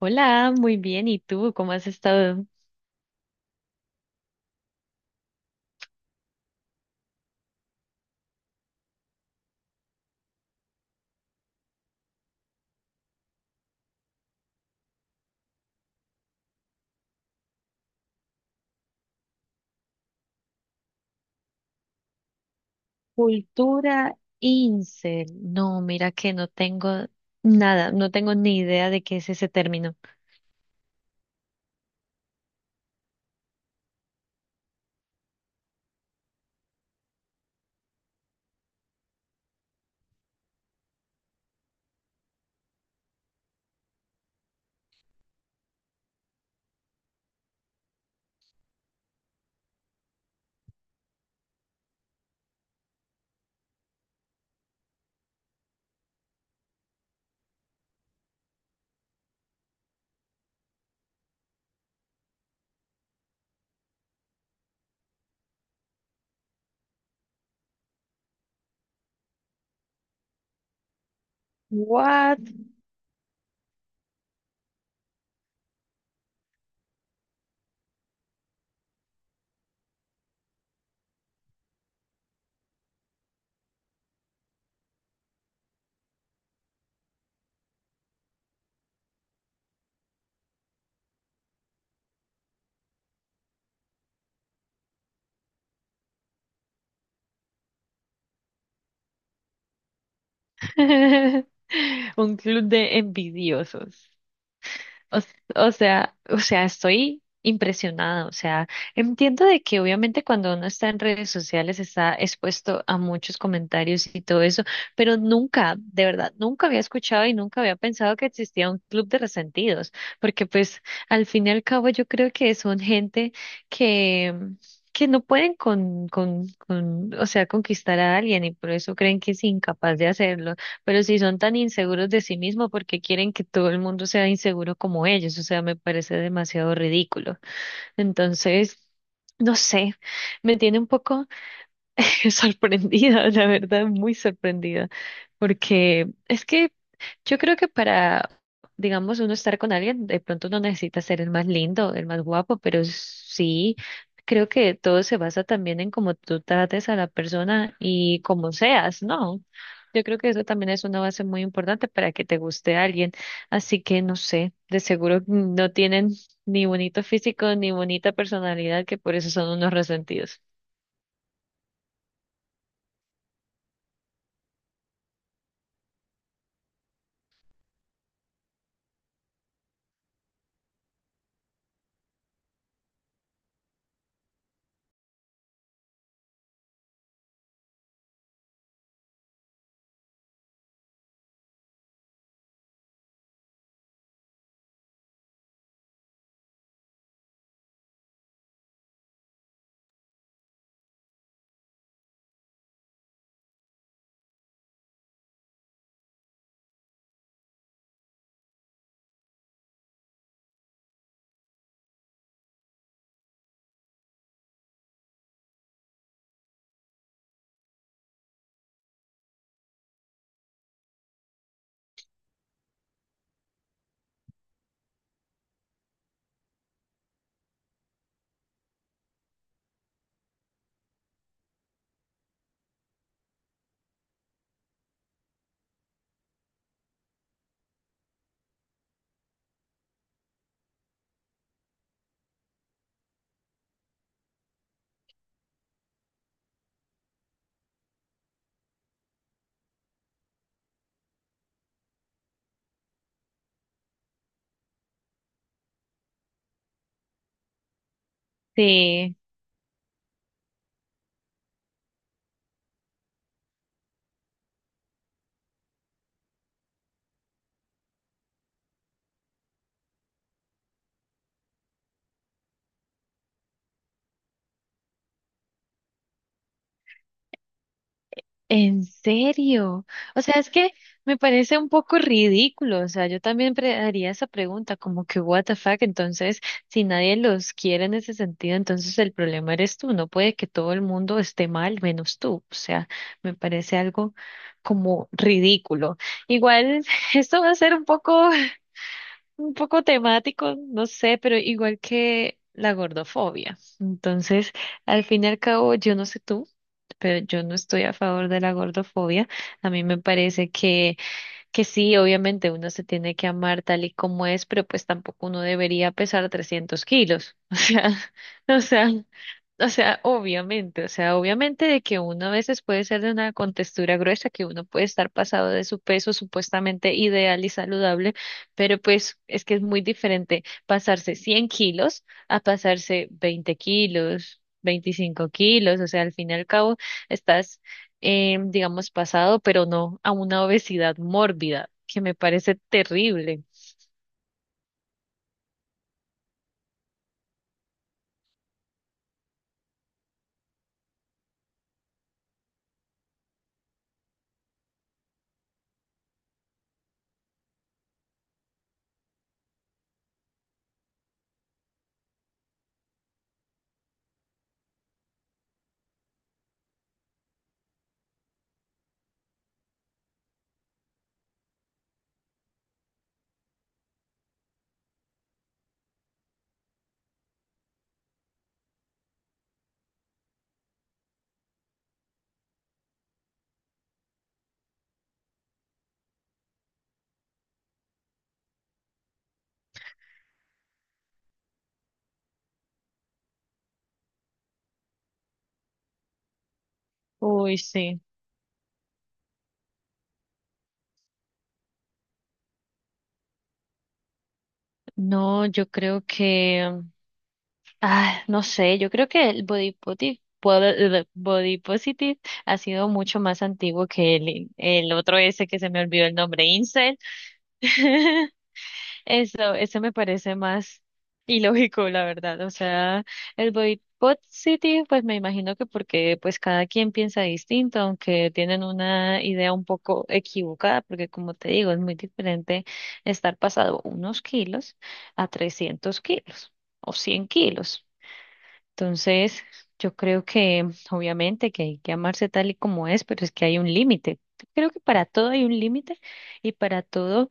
Hola, muy bien. ¿Y tú cómo has estado? Cultura incel. No, mira que no tengo nada, no tengo ni idea de qué es ese término. What? Un club de envidiosos. O, o sea, estoy impresionada. O sea, entiendo de que obviamente cuando uno está en redes sociales está expuesto a muchos comentarios y todo eso, pero nunca, de verdad, nunca había escuchado y nunca había pensado que existía un club de resentidos, porque pues al fin y al cabo yo creo que son gente que que no pueden con, o sea, conquistar a alguien y por eso creen que es incapaz de hacerlo. Pero si son tan inseguros de sí mismos, ¿por qué quieren que todo el mundo sea inseguro como ellos? O sea, me parece demasiado ridículo. Entonces, no sé, me tiene un poco sorprendida, la verdad, muy sorprendida, porque es que yo creo que para, digamos, uno estar con alguien, de pronto no necesita ser el más lindo, el más guapo, pero sí. Creo que todo se basa también en cómo tú trates a la persona y cómo seas, ¿no? Yo creo que eso también es una base muy importante para que te guste a alguien. Así que no sé, de seguro no tienen ni bonito físico ni bonita personalidad, que por eso son unos resentidos. Sí. ¿En serio? O sea, es que me parece un poco ridículo. O sea, yo también haría esa pregunta, como que, what the fuck? Entonces, si nadie los quiere en ese sentido, entonces el problema eres tú. No puede que todo el mundo esté mal, menos tú. O sea, me parece algo como ridículo. Igual, esto va a ser un poco temático, no sé, pero igual que la gordofobia. Entonces, al fin y al cabo, yo no sé tú, pero yo no estoy a favor de la gordofobia. A mí me parece que sí, obviamente uno se tiene que amar tal y como es, pero pues tampoco uno debería pesar 300 kilos. O sea, o sea, o sea, obviamente de que uno a veces puede ser de una contextura gruesa, que uno puede estar pasado de su peso supuestamente ideal y saludable, pero pues es que es muy diferente pasarse 100 kilos a pasarse 20 kilos, 25 kilos, o sea, al fin y al cabo, estás digamos, pasado, pero no a una obesidad mórbida, que me parece terrible. Uy, sí. No, yo creo que, no sé, yo creo que el body positive ha sido mucho más antiguo que el otro ese que se me olvidó el nombre, incel. Eso me parece más ilógico, la verdad. O sea, el boicot City, pues me imagino que porque pues cada quien piensa distinto, aunque tienen una idea un poco equivocada, porque como te digo, es muy diferente estar pasado unos kilos a 300 kilos o 100 kilos. Entonces, yo creo que obviamente que hay que amarse tal y como es, pero es que hay un límite. Creo que para todo hay un límite y para todo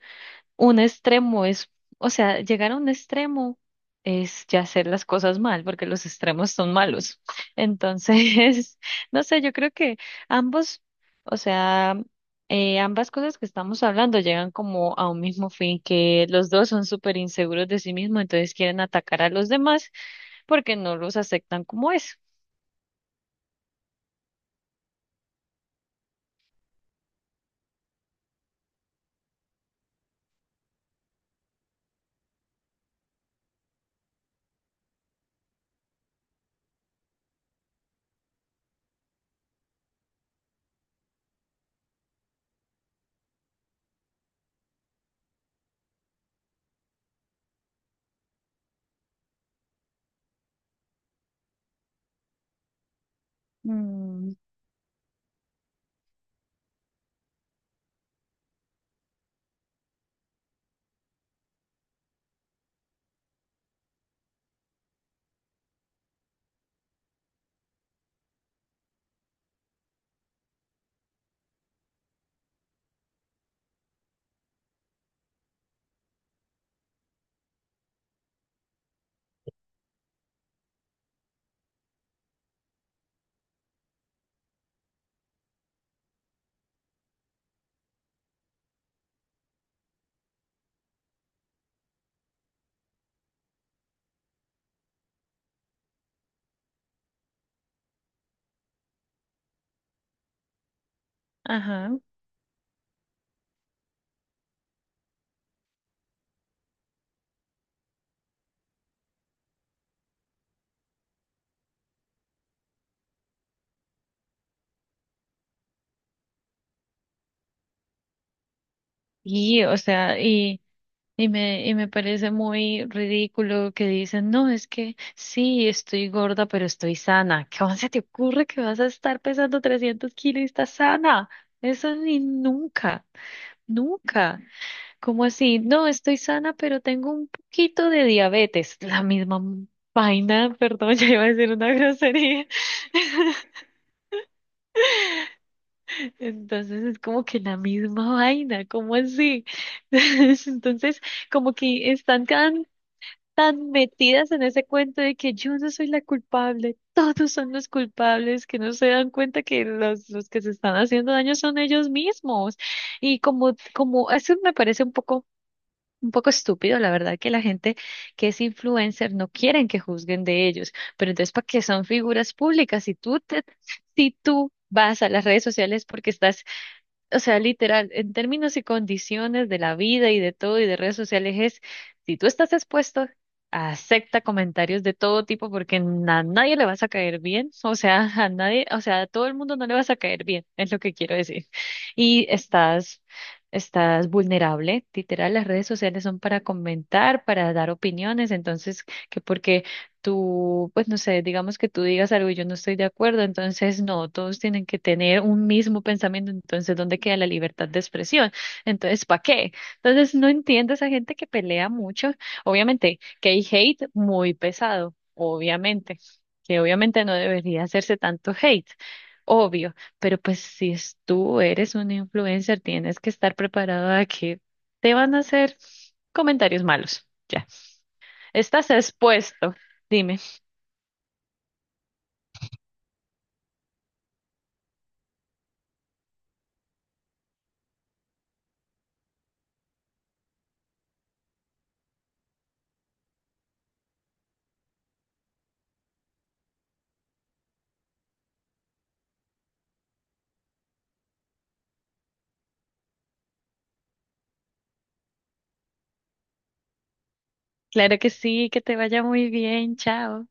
un extremo es, o sea, llegar a un extremo es ya hacer las cosas mal, porque los extremos son malos. Entonces, no sé, yo creo que ambos, o sea, ambas cosas que estamos hablando llegan como a un mismo fin, que los dos son súper inseguros de sí mismos, entonces quieren atacar a los demás porque no los aceptan como es. Mm. Ajá. Y, o sea, y y me parece muy ridículo que dicen, no, es que sí, estoy gorda, pero estoy sana. ¿Cómo se te ocurre que vas a estar pesando 300 kilos y estás sana? Eso ni nunca, nunca. ¿Cómo así? No, estoy sana, pero tengo un poquito de diabetes. La misma vaina, perdón, ya iba a decir una grosería. Entonces es como que la misma vaina, ¿cómo así? Entonces como que están tan metidas en ese cuento de que yo no soy la culpable, todos son los culpables, que no se dan cuenta que los que se están haciendo daño son ellos mismos. Eso me parece un poco estúpido, la verdad, que la gente que es influencer no quieren que juzguen de ellos. Pero entonces, ¿para qué son figuras públicas? Si tú vas a las redes sociales porque estás, o sea, literal, en términos y condiciones de la vida y de todo y de redes sociales es, si tú estás expuesto, acepta comentarios de todo tipo porque a nadie le vas a caer bien, o sea, a nadie, o sea, a todo el mundo no le vas a caer bien, es lo que quiero decir. Y estás, estás vulnerable, literal, las redes sociales son para comentar, para dar opiniones, entonces, que porque tú, pues no sé, digamos que tú digas algo y yo no estoy de acuerdo, entonces no, todos tienen que tener un mismo pensamiento, entonces ¿dónde queda la libertad de expresión? Entonces, ¿para qué? Entonces no entiendo a esa gente que pelea mucho, obviamente que hay hate muy pesado, obviamente, que obviamente no debería hacerse tanto hate. Obvio, pero pues si es tú eres un influencer, tienes que estar preparado a que te van a hacer comentarios malos. Ya, estás expuesto. Dime. Claro que sí, que te vaya muy bien, chao.